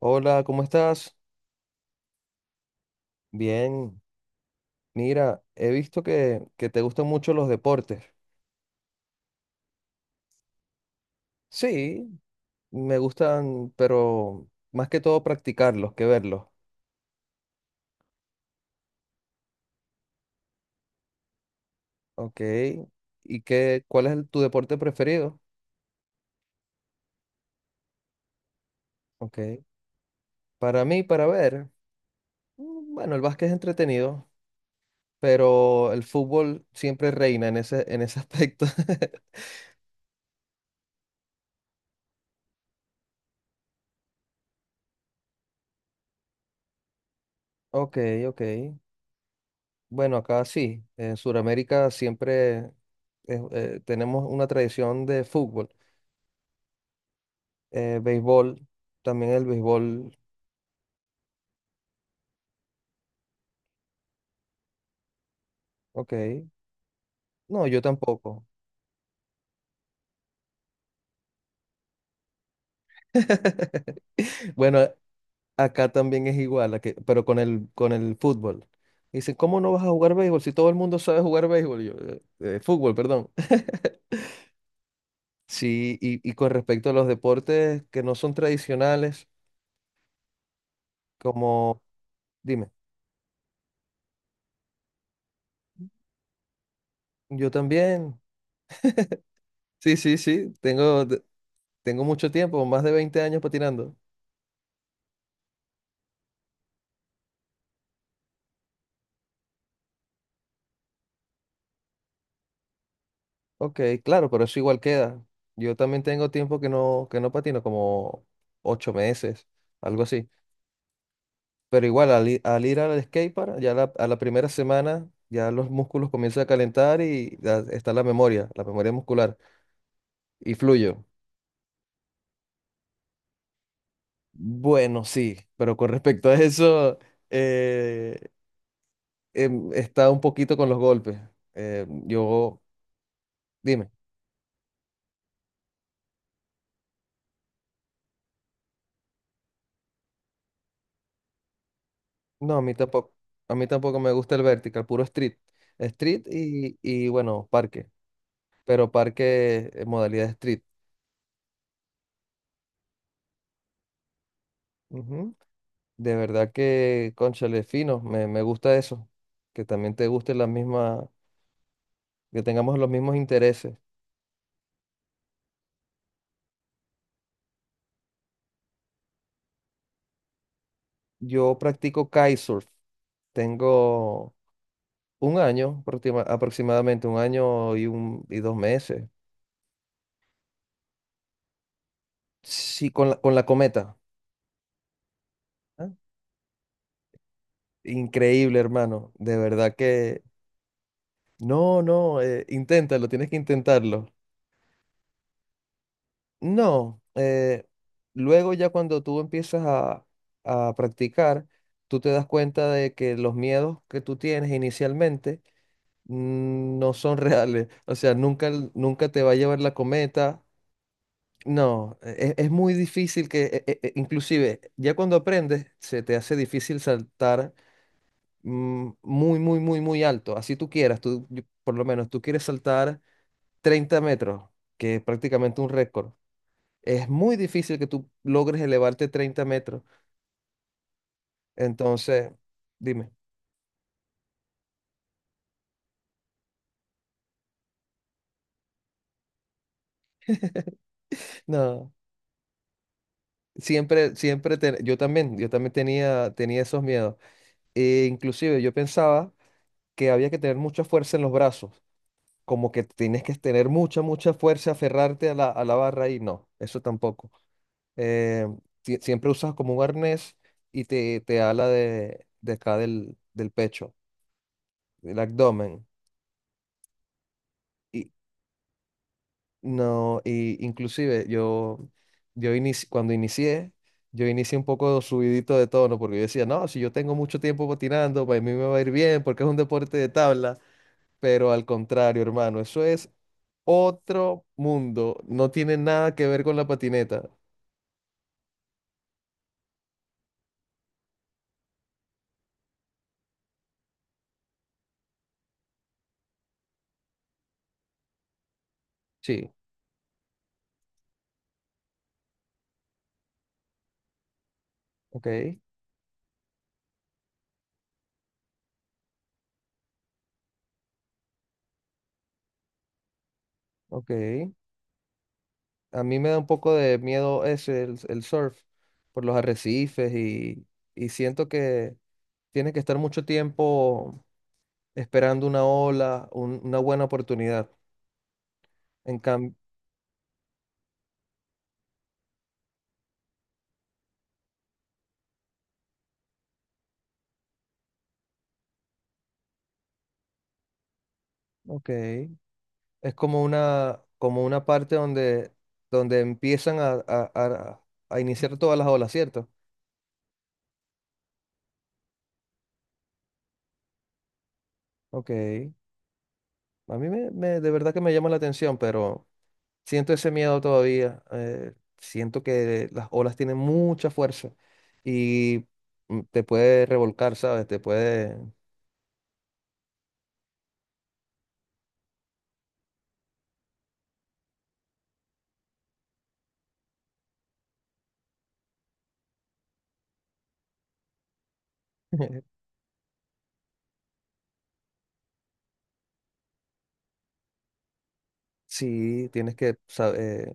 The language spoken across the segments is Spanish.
Hola, ¿cómo estás? Bien, mira, he visto que te gustan mucho los deportes. Sí, me gustan, pero más que todo practicarlos que verlos. Ok. ¿Y cuál es tu deporte preferido? Ok. Para mí, para ver, bueno, el básquet es entretenido, pero el fútbol siempre reina en ese aspecto. Ok, ok. Bueno, acá sí, en Sudamérica siempre tenemos una tradición de fútbol. Béisbol, también el béisbol, ok. No, yo tampoco. Bueno, acá también es igual, pero con el fútbol. Dicen, ¿cómo no vas a jugar béisbol si todo el mundo sabe jugar béisbol? Yo, "Fútbol, perdón." Sí, y con respecto a los deportes que no son tradicionales, como, dime, yo también. Sí, sí, sí, tengo mucho tiempo, más de 20 años patinando. Ok, claro, pero eso igual queda. Yo también tengo tiempo que no patino, como 8 meses, algo así. Pero igual, al ir al skatepark, ya a la primera semana, ya los músculos comienzan a calentar y ya está la memoria muscular, y fluyo. Bueno, sí, pero con respecto a eso, eh, está un poquito con los golpes. Eh, yo, dime, no, a mí tampoco me gusta el vertical, puro street. Street y bueno, parque. Pero parque en modalidad street. Ujú. De verdad que, cónchale, fino, me gusta eso, que también te guste la misma, que tengamos los mismos intereses. Yo practico kitesurf, tengo un año, aproximadamente un año y 2 meses. Sí, con la cometa. ¿Ah? Increíble, hermano, de verdad que. No, no, inténtalo, tienes que intentarlo. No, luego ya cuando tú empiezas a practicar, tú te das cuenta de que los miedos que tú tienes inicialmente no son reales. O sea, nunca te va a llevar la cometa. No, es, muy difícil que, inclusive, ya cuando aprendes, se te hace difícil saltar muy, muy, muy, muy alto. Así tú quieras, por lo menos tú quieres saltar 30 metros, que es prácticamente un récord. Es muy difícil que tú logres elevarte 30 metros. Entonces, dime. No, siempre, siempre, yo también tenía esos miedos. E inclusive yo pensaba que había que tener mucha fuerza en los brazos, como que tienes que tener mucha, mucha fuerza, aferrarte a la barra y no, eso tampoco. Eh, Siempre usas como un arnés y te ala de acá del pecho, del abdomen. No, y inclusive cuando inicié, yo inicié un poco subidito de tono porque yo decía, no, si yo tengo mucho tiempo patinando, para mí me va a ir bien porque es un deporte de tabla, pero al contrario, hermano, eso es otro mundo, no tiene nada que ver con la patineta. Sí, ok, ok. A mí me da un poco de miedo ese, el surf, por los arrecifes y siento que tienes que estar mucho tiempo esperando una ola, una buena oportunidad. En cambio, ok, es como una parte donde, donde empiezan a iniciar todas las olas, ¿cierto? Ok, a mí de verdad que me llama la atención, pero siento ese miedo todavía. Siento que las olas tienen mucha fuerza y te puede revolcar, ¿sabes? Te puede. Sí, tienes que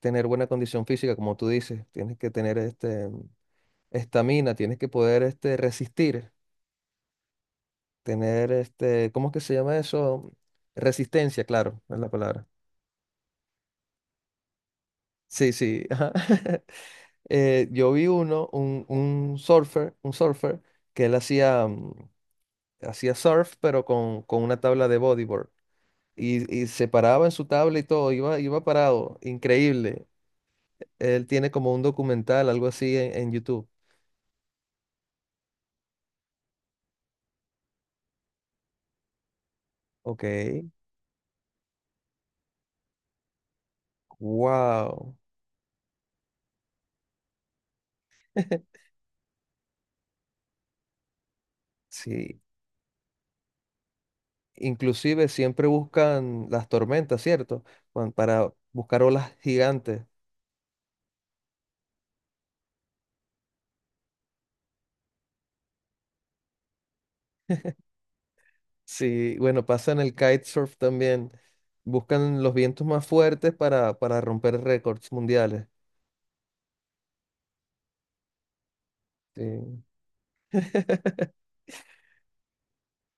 tener buena condición física, como tú dices. Tienes que tener este, estamina, tienes que poder este, resistir, tener, este, ¿cómo es que se llama eso? Resistencia, claro, es la palabra. Sí, sí. Ajá. Yo vi uno, un surfer, que él hacía surf, pero con una tabla de bodyboard. Y se paraba en su tabla y todo, iba parado, increíble. Él tiene como un documental, algo así en YouTube. Ok, wow. Sí, inclusive siempre buscan las tormentas, ¿cierto? Para buscar olas gigantes. Sí, bueno, pasa en el kitesurf también. Buscan los vientos más fuertes para romper récords mundiales. Sí.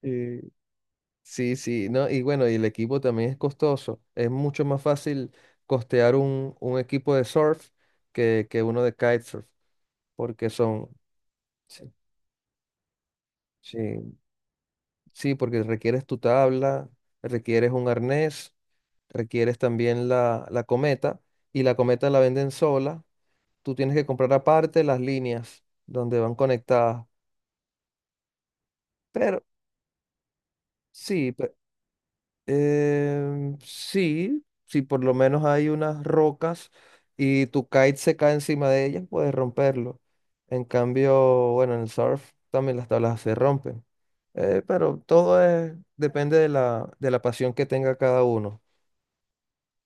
Y- sí, sí, ¿no? Y bueno, y el equipo también es costoso. Es mucho más fácil costear un equipo de surf que uno de kitesurf, porque son, sí, sí, sí, porque requieres tu tabla, requieres un arnés, requieres también la cometa y la cometa la venden sola. Tú tienes que comprar aparte las líneas donde van conectadas. Pero sí, sí, si por lo menos hay unas rocas y tu kite se cae encima de ellas, puedes romperlo. En cambio, bueno, en el surf también las tablas se rompen. Pero todo es, depende de la pasión que tenga cada uno.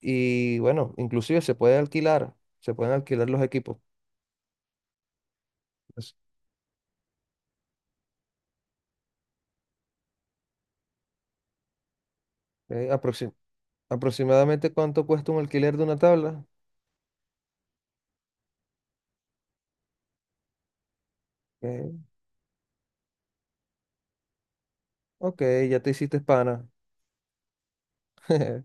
Y bueno, inclusive se puede alquilar, se pueden alquilar los equipos. Pues, eh, aproxim- aproximadamente ¿cuánto cuesta un alquiler de una tabla? Eh, ok, ya te hiciste pana.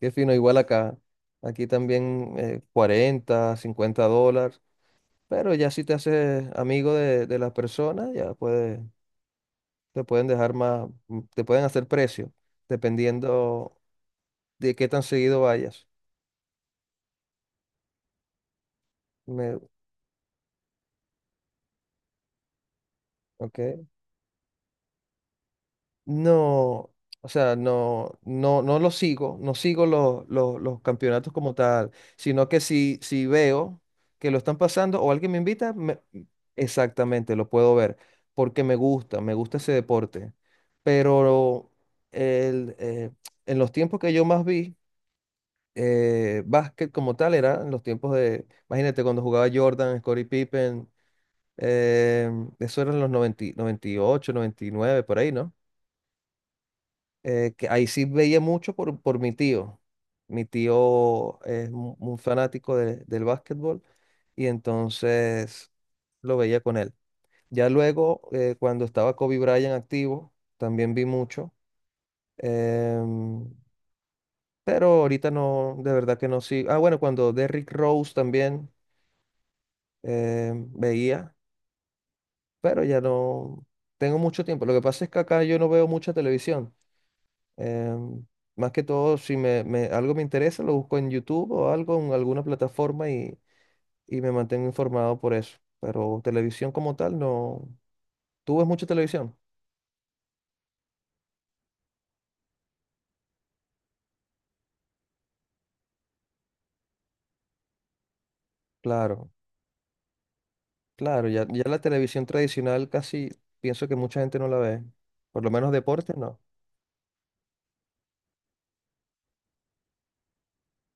Qué fino, igual acá. Aquí también 40, $50. Pero ya si te haces amigo de las personas, ya puede te pueden dejar más, te pueden hacer precio, dependiendo de qué tan seguido vayas. Me, ok. No, o sea, no, no, no lo sigo, no sigo los campeonatos como tal, sino que si veo que lo están pasando o alguien me invita. Exactamente, lo puedo ver, porque me gusta ese deporte. Pero el, eh, en los tiempos que yo más vi, básquet como tal era en los tiempos de, imagínate, cuando jugaba Jordan, Scottie Pippen, eh, eso eran los noventa 98 99 por ahí, ¿no? Que ahí sí veía mucho por mi tío. Mi tío es un fanático del básquetbol y entonces lo veía con él. Ya luego, cuando estaba Kobe Bryant activo, también vi mucho. em, pero ahorita no, de verdad que no sí. Ah, bueno, cuando Derrick Rose también veía, pero ya no tengo mucho tiempo. Lo que pasa es que acá yo no veo mucha televisión. Em, más que todo, si algo me interesa, lo busco en YouTube o algo, en alguna plataforma y me mantengo informado por eso. Pero televisión como tal, no. ¿Tú ves mucha televisión? Claro, claro, ya, ya la televisión tradicional casi pienso que mucha gente no la ve. Por lo menos deporte, no.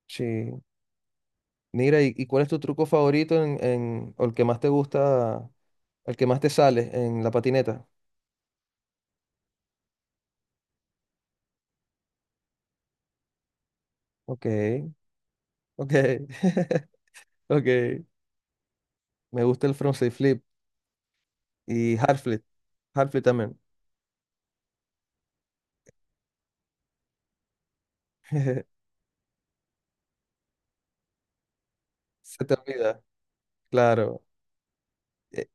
Sí. Mira, ¿y cuál es tu truco favorito o el que más te gusta, el que más te sale en la patineta? Ok, ok, ok. Me gusta el frontside flip. Y Half-Life, también. Se te olvida, claro. Eh,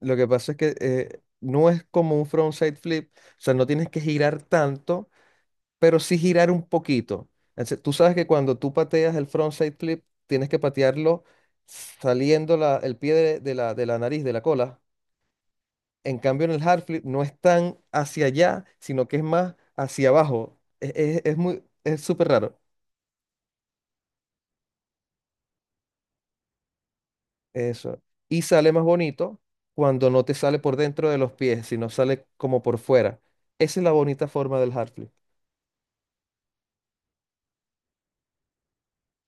lo que pasa es que no es como un frontside flip, o sea, no tienes que girar tanto, pero sí girar un poquito. Entonces, tú sabes que cuando tú pateas el frontside flip, tienes que patearlo saliendo el pie de la nariz, de la cola. En cambio, en el hard flip no es tan hacia allá, sino que es más hacia abajo. Es súper raro. Eso. Y sale más bonito cuando no te sale por dentro de los pies, sino sale como por fuera. Esa es la bonita forma del hard flip.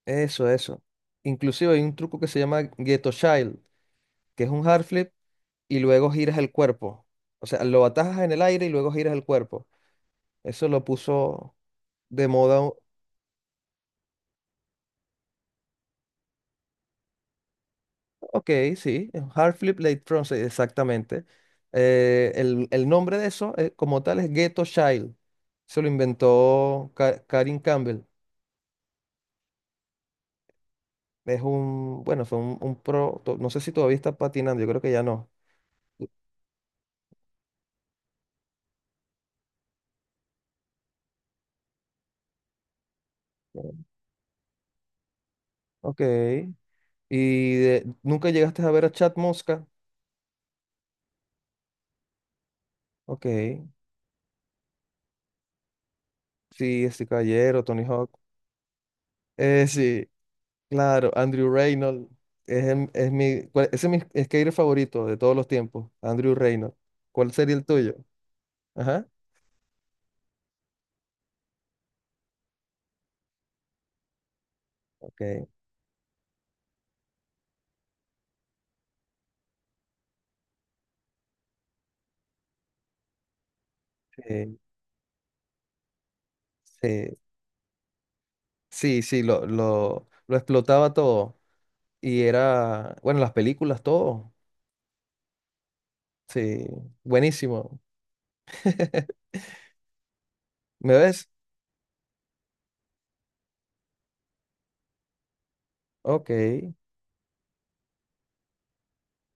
Eso, eso. Inclusive hay un truco que se llama Ghetto Child, que es un hard flip y luego giras el cuerpo. O sea, lo atajas en el aire y luego giras el cuerpo. Eso lo puso de moda. Ok, sí, es un hard flip late front, sí, exactamente. El nombre de eso como tal es Ghetto Child. Se lo inventó Karin Campbell. Bueno, fue un pro, no sé si todavía está patinando, yo creo que ya no. Ok. ¿Y nunca llegaste a ver a Chad Mosca? Ok. Sí, este caballero, Tony Hawk. Sí, claro, Andrew Reynolds. Es, em- es mi, cuál- ese es mi skater favorito de todos los tiempos, Andrew Reynolds. ¿Cuál sería el tuyo? Ajá. Ok. Sí, sí, sí, sí, lo explotaba todo. Y era, bueno, las películas, todo. Sí, buenísimo. ¿Me ves? Ok,